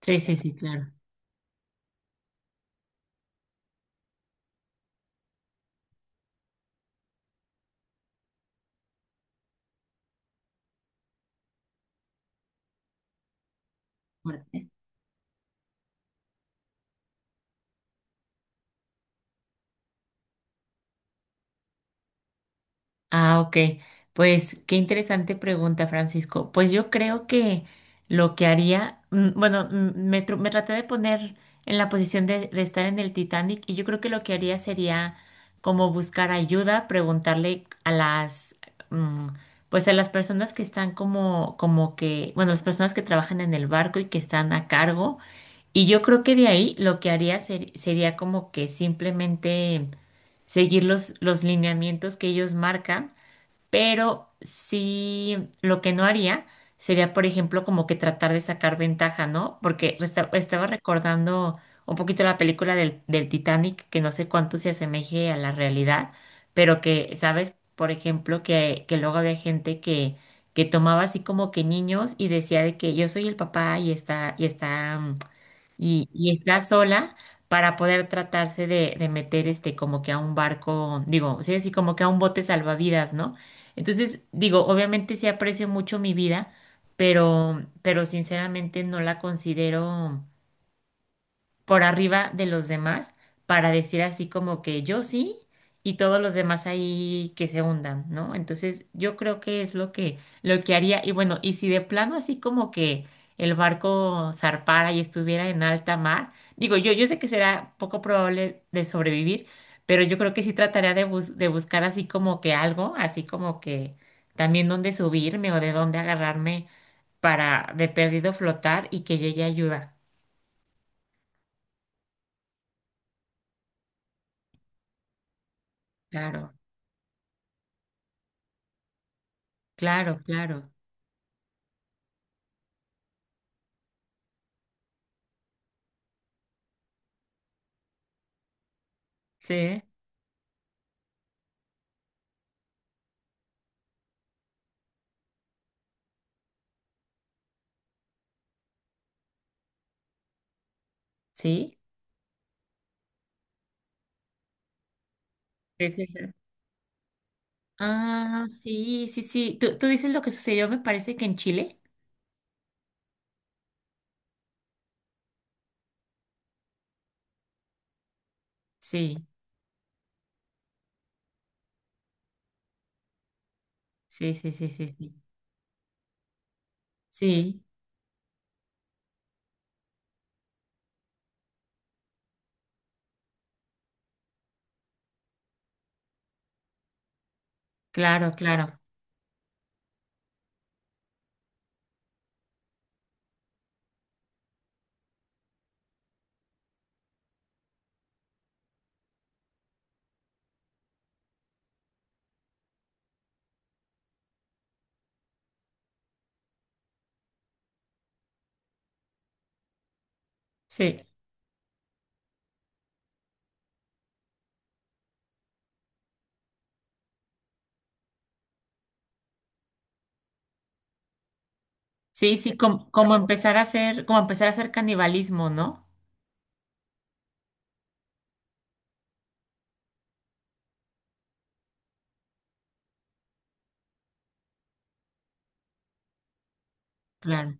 Sí, sí, sí, claro. Bueno. Ah, ok. Pues qué interesante pregunta, Francisco. Pues yo creo que lo que haría, bueno, me traté de poner en la posición de estar en el Titanic, y yo creo que lo que haría sería como buscar ayuda, preguntarle a las, mm, pues a las personas que están como, como que, bueno, las personas que trabajan en el barco y que están a cargo. Y yo creo que de ahí lo que haría sería como que simplemente seguir los lineamientos que ellos marcan, pero sí lo que no haría sería, por ejemplo, como que tratar de sacar ventaja, ¿no? Porque estaba recordando un poquito la película del Titanic, que no sé cuánto se asemeje a la realidad, pero que, ¿sabes? Por ejemplo, que luego había gente que tomaba así como que niños y decía de que yo soy el papá y está sola para poder tratarse de meter este como que a un barco, digo, sí, así como que a un bote salvavidas, ¿no? Entonces, digo, obviamente sí aprecio mucho mi vida, pero sinceramente no la considero por arriba de los demás para decir así como que yo sí y todos los demás ahí que se hundan, ¿no? Entonces yo creo que es lo que haría. Y bueno, y si de plano así como que el barco zarpara y estuviera en alta mar, digo, yo sé que será poco probable de sobrevivir, pero yo creo que sí trataría de buscar así como que algo, así como que también dónde subirme o de dónde agarrarme para de perdido flotar y que llegue ayuda. Claro, claro, claro. Sí, ¿sí? Sí, sí, sí. Ah, sí, sí, sí. ¿Tú dices lo que sucedió, me parece que en Chile? Sí, sí, sí, sí, sí, sí. Sí, claro, claro. Sí, sí, sí, como empezar a hacer canibalismo, ¿no? Claro,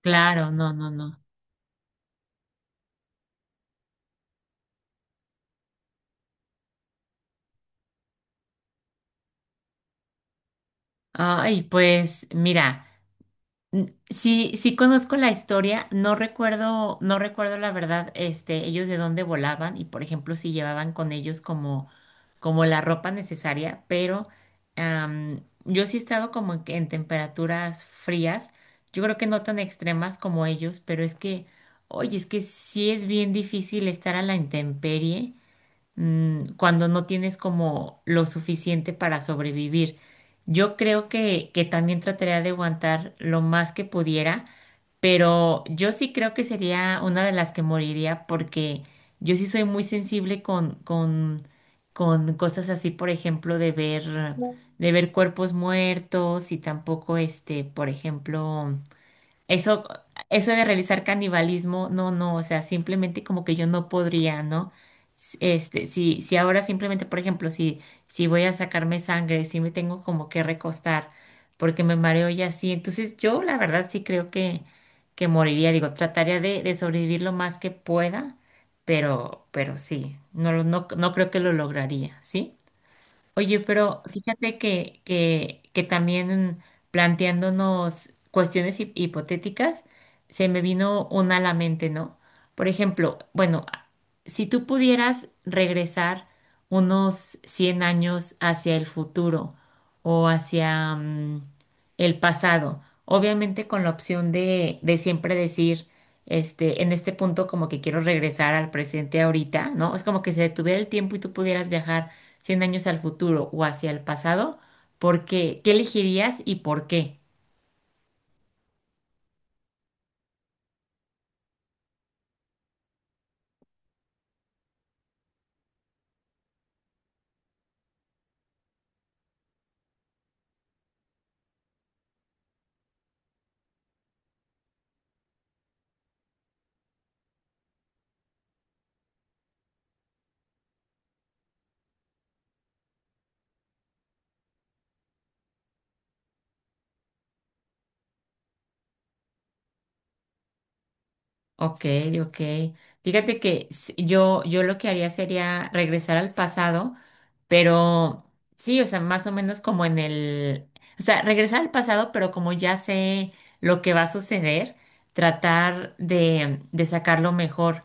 claro, no, no, no. Ay, pues mira. Sí, sí conozco la historia, no recuerdo, no recuerdo la verdad, este, ellos de dónde volaban y por ejemplo si llevaban con ellos como la ropa necesaria, pero yo sí he estado como en temperaturas frías, yo creo que no tan extremas como ellos, pero es que, oye, es que sí es bien difícil estar a la intemperie cuando no tienes como lo suficiente para sobrevivir. Yo creo que también trataría de aguantar lo más que pudiera, pero yo sí creo que sería una de las que moriría, porque yo sí soy muy sensible con cosas así, por ejemplo, de ver cuerpos muertos y tampoco, este, por ejemplo. Eso, eso de realizar canibalismo, no, no, o sea, simplemente como que yo no podría, ¿no? Este, si ahora simplemente, por ejemplo, si voy a sacarme sangre, si me tengo como que recostar, porque me mareo y así, entonces yo la verdad sí creo que moriría, digo, trataría de sobrevivir lo más que pueda, pero, sí, no, no, no creo que lo lograría, ¿sí? Oye, pero fíjate que también planteándonos cuestiones hipotéticas, se me vino una a la mente, ¿no? Por ejemplo, bueno, si tú pudieras regresar unos 100 años hacia el futuro o hacia el pasado, obviamente con la opción de siempre decir, este, en este punto como que quiero regresar al presente ahorita, ¿no? Es como que se detuviera el tiempo y tú pudieras viajar 100 años al futuro o hacia el pasado, ¿por qué? ¿Qué elegirías y por qué? Ok, ok. Fíjate que yo lo que haría sería regresar al pasado, pero sí, o sea, más o menos como en el, o sea, regresar al pasado, pero como ya sé lo que va a suceder, tratar de sacarlo mejor.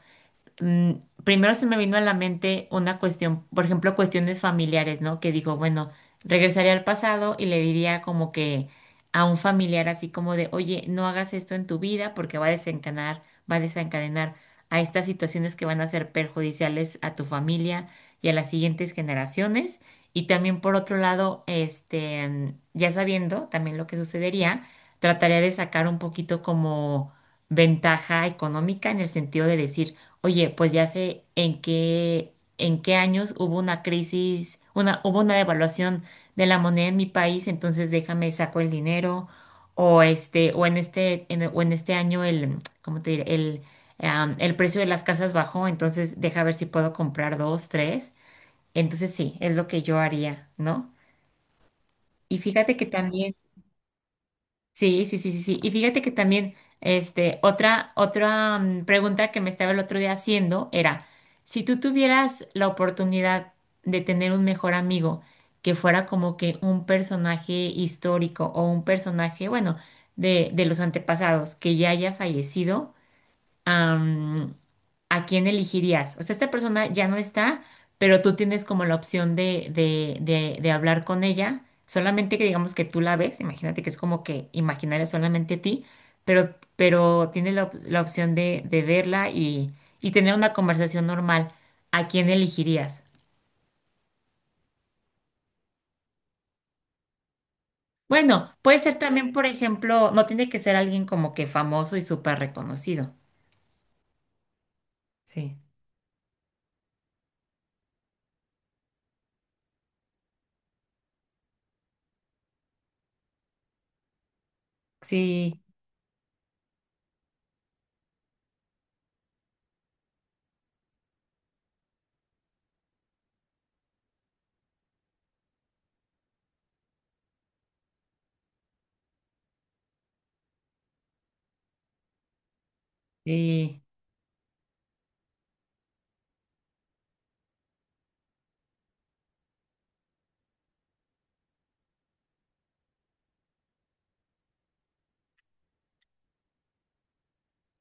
mm, Primero se me vino a la mente una cuestión, por ejemplo, cuestiones familiares, ¿no? Que digo, bueno, regresaría al pasado y le diría como que a un familiar así como de, oye, no hagas esto en tu vida porque va a desencadenar a estas situaciones que van a ser perjudiciales a tu familia y a las siguientes generaciones. Y también por otro lado, este, ya sabiendo también lo que sucedería, trataría de sacar un poquito como ventaja económica en el sentido de decir, oye, pues ya sé en qué años hubo una crisis, hubo una devaluación de la moneda en mi país, entonces déjame saco el dinero, o este o en este o en este año el, ¿cómo te diré? El precio de las casas bajó, entonces deja ver si puedo comprar dos, tres. Entonces sí, es lo que yo haría, ¿no? Y fíjate que también. Sí, sí, sí, sí, sí. Y fíjate que también, este, otra, pregunta que me estaba el otro día haciendo era, si tú tuvieras la oportunidad de tener un mejor amigo que fuera como que un personaje histórico o un personaje, bueno, de los antepasados que ya haya fallecido, am, ¿a quién elegirías? O sea, esta persona ya no está, pero tú tienes como la opción de hablar con ella, solamente que digamos que tú la ves, imagínate que es como que imaginaria solamente a ti, pero, tienes la, la opción de verla y tener una conversación normal. ¿A quién elegirías? Bueno, puede ser también, por ejemplo, no tiene que ser alguien como que famoso y súper reconocido. Sí, sí, sí,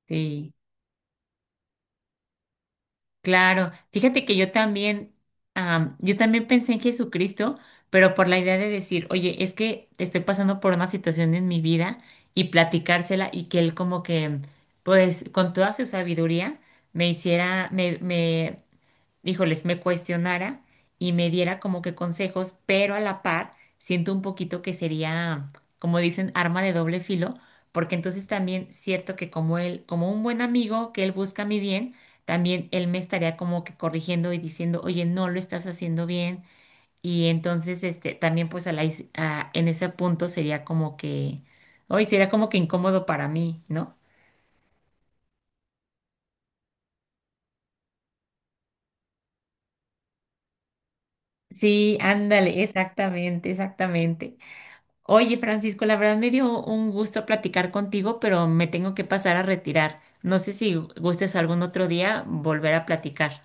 sí. Claro, fíjate que yo también, yo también pensé en Jesucristo, pero por la idea de decir, oye, es que estoy pasando por una situación en mi vida y platicársela, y que él como que, pues, con toda su sabiduría me hiciera, me híjoles, me cuestionara y me diera como que consejos, pero a la par siento un poquito que sería, como dicen, arma de doble filo, porque entonces también cierto que como él, como un buen amigo que él busca mi bien, también él me estaría como que corrigiendo y diciendo, oye, no lo estás haciendo bien. Y entonces, este, también pues a la, is- a- en ese punto sería como que, hoy sería como que incómodo para mí, ¿no? Sí, ándale, exactamente, exactamente. Oye, Francisco, la verdad me dio un gusto platicar contigo, pero me tengo que pasar a retirar. No sé si gustes algún otro día volver a platicar.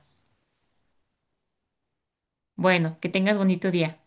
Bueno, que tengas bonito día.